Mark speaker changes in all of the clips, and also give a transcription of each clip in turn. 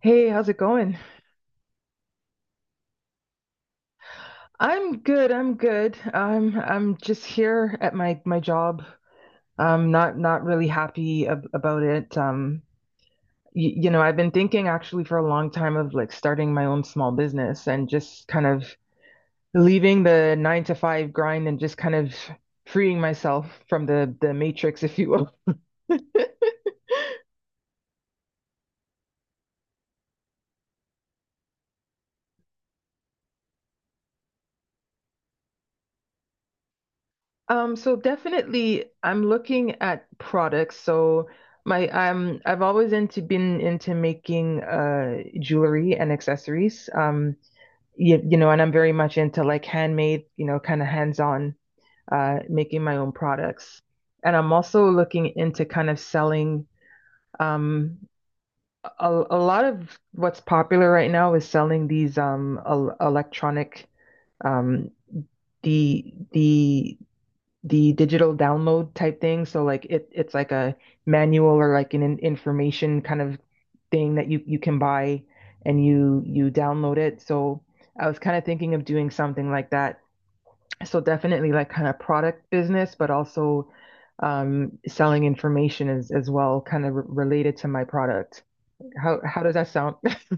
Speaker 1: Hey, how's it going? I'm good. I'm good. I'm just here at my job. I'm not really happy ab about it. I've been thinking actually for a long time of like starting my own small business and just kind of leaving the nine to five grind and just kind of freeing myself from the matrix, if you will. So definitely I'm looking at products. So my I've always into been into making jewelry and accessories. And I'm very much into like handmade, you know, kind of hands-on making my own products. And I'm also looking into kind of selling um a lot of what's popular right now is selling these el electronic um the the the digital download type thing. So like it's like a manual or like an information kind of thing that you can buy and you download it. So I was kind of thinking of doing something like that. So definitely like kind of product business, but also selling information as well, kind of related to my product. How does that sound?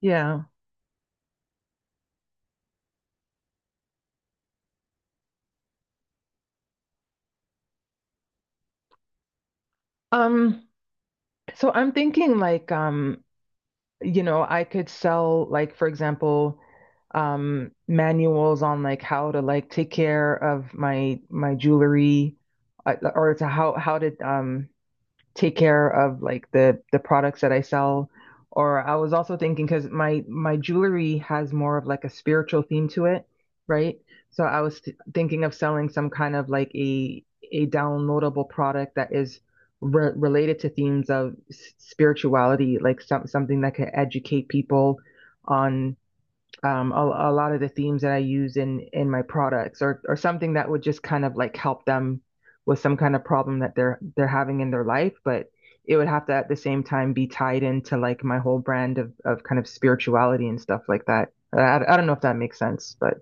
Speaker 1: Yeah. Um, so I'm thinking like you know, I could sell like, for example, manuals on like how to like take care of my jewelry, or to how to take care of like the products that I sell. Or I was also thinking because my jewelry has more of like a spiritual theme to it, right? So I was thinking of selling some kind of like a downloadable product that is related to themes of spirituality, like something that could educate people on a lot of the themes that I use in my products or something that would just kind of like help them with some kind of problem that they're having in their life, but it would have to at the same time be tied into like my whole brand of kind of spirituality and stuff like that. I don't know if that makes sense, but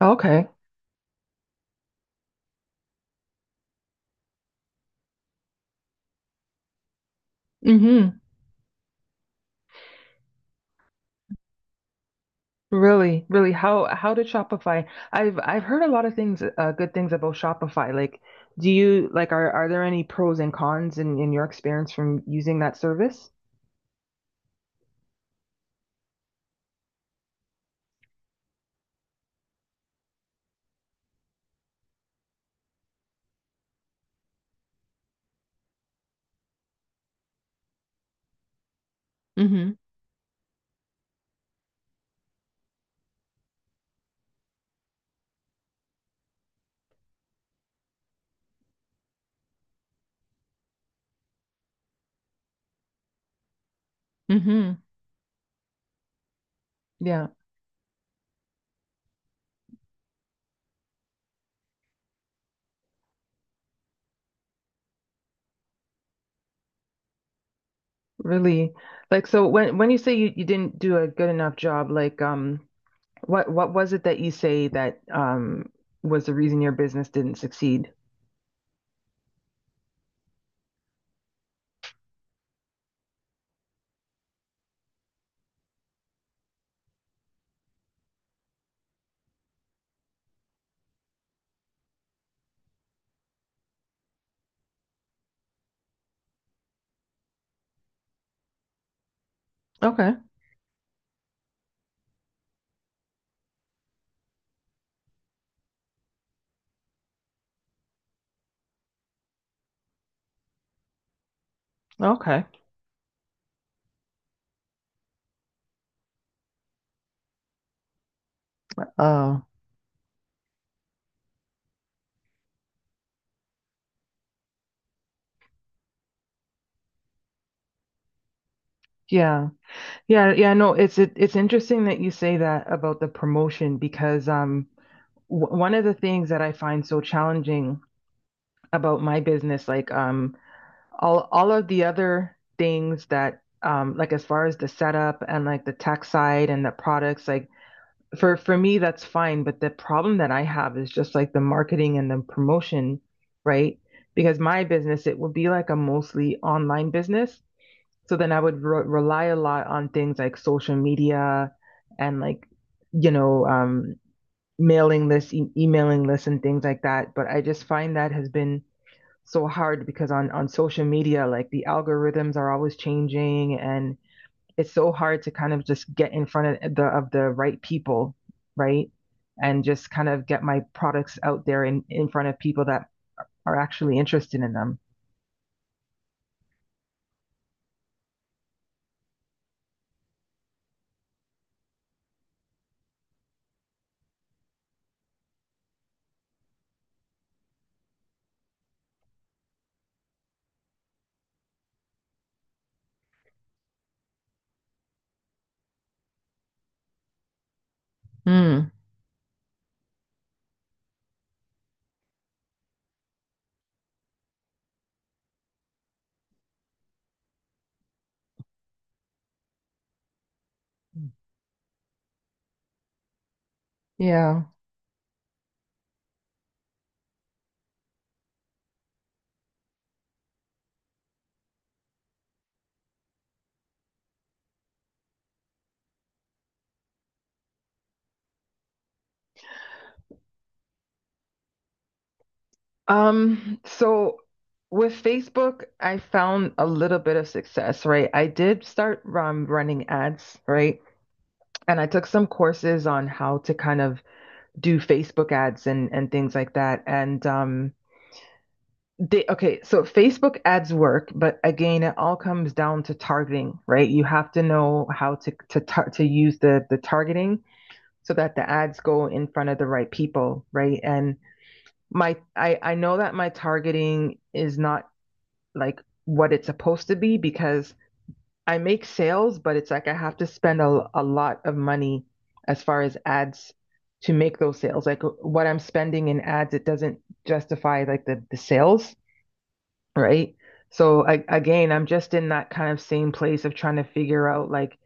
Speaker 1: okay. Mm-hmm. Really, really, how did Shopify? I've heard a lot of things, good things about Shopify. Like, do you like are there any pros and cons in your experience from using that service? Mm-hmm. Mm-hmm. Yeah. Really? Like so when you say you didn't do a good enough job, like what was it that you say that was the reason your business didn't succeed? Okay. Okay. Oh. Yeah. Yeah, yeah, no, it's interesting that you say that about the promotion because w one of the things that I find so challenging about my business like all of the other things that like as far as the setup and like the tech side and the products like for me that's fine, but the problem that I have is just like the marketing and the promotion, right? Because my business, it would be like a mostly online business. So then I would rely a lot on things like social media and like you know mailing lists, emailing lists and things like that, but I just find that has been so hard because on social media like the algorithms are always changing, and it's so hard to kind of just get in front of the right people, right? And just kind of get my products out there in front of people that are actually interested in them. Mm, yeah. So with Facebook, I found a little bit of success, right? I did start running ads, right? And I took some courses on how to kind of do Facebook ads and things like that. And they okay, so Facebook ads work, but again, it all comes down to targeting, right? You have to know how to tar to use the targeting so that the ads go in front of the right people, right? And my I know that my targeting is not like what it's supposed to be, because I make sales, but it's like I have to spend a lot of money as far as ads to make those sales. Like what I'm spending in ads, it doesn't justify like the sales, right? So I, again, I'm just in that kind of same place of trying to figure out like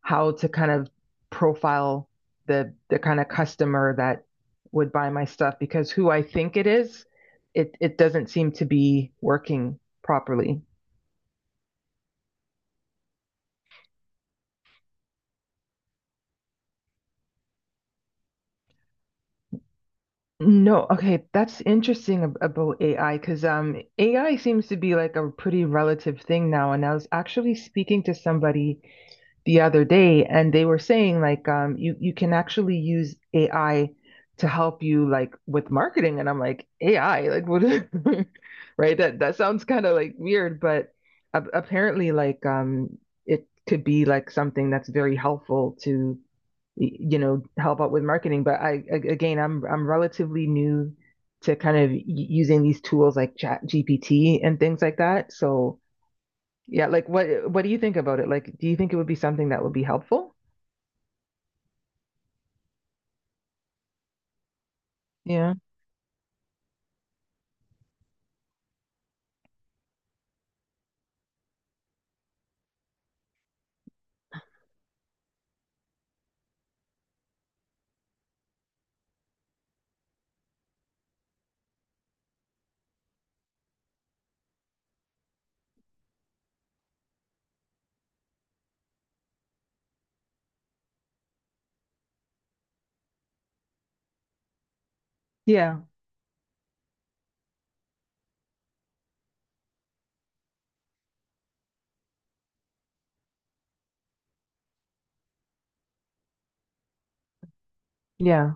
Speaker 1: how to kind of profile the kind of customer that would buy my stuff, because who I think it is, it doesn't seem to be working properly. No, okay, that's interesting about AI, because AI seems to be like a pretty relative thing now. And I was actually speaking to somebody the other day, and they were saying like you can actually use AI to help you like with marketing, and I'm like AI like what is right, that that sounds kind of like weird, but a apparently like it could be like something that's very helpful to you know help out with marketing. But I again I'm relatively new to kind of using these tools like Chat GPT and things like that, so. Yeah, like what do you think about it? Like, do you think it would be something that would be helpful? Yeah. Yeah. Yeah.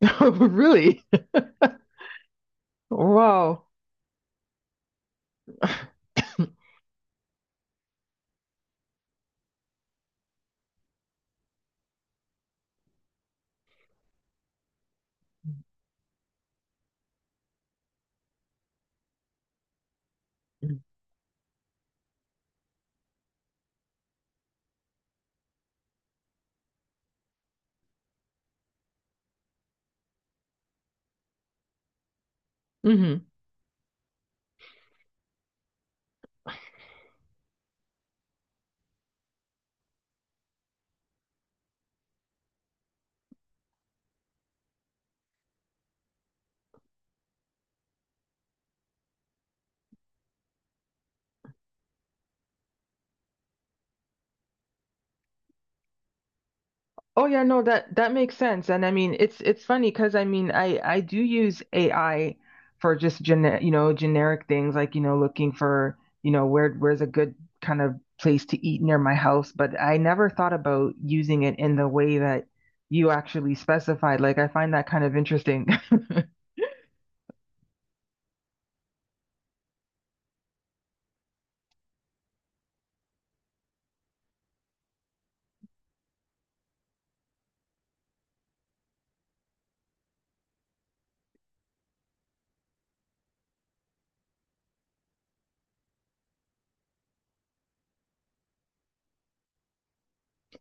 Speaker 1: Really? Wow. Hmm. Oh yeah, no, that makes sense. And I mean, it's funny because I mean, I do use AI for just gene you know, generic things like, you know, looking for, you know, where's a good kind of place to eat near my house, but I never thought about using it in the way that you actually specified. Like, I find that kind of interesting.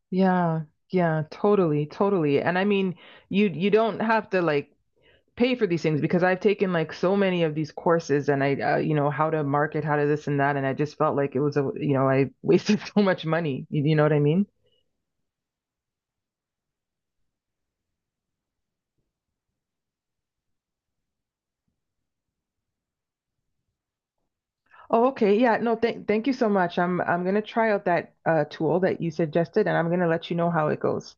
Speaker 1: Yeah, yeah, totally, totally. And I mean, you don't have to like pay for these things because I've taken like so many of these courses, and I you know how to market, how to this and that, and I just felt like it was a I wasted so much money. You know what I mean? Oh, okay. Yeah, no, thank you so much. I'm gonna try out that tool that you suggested, and I'm gonna let you know how it goes.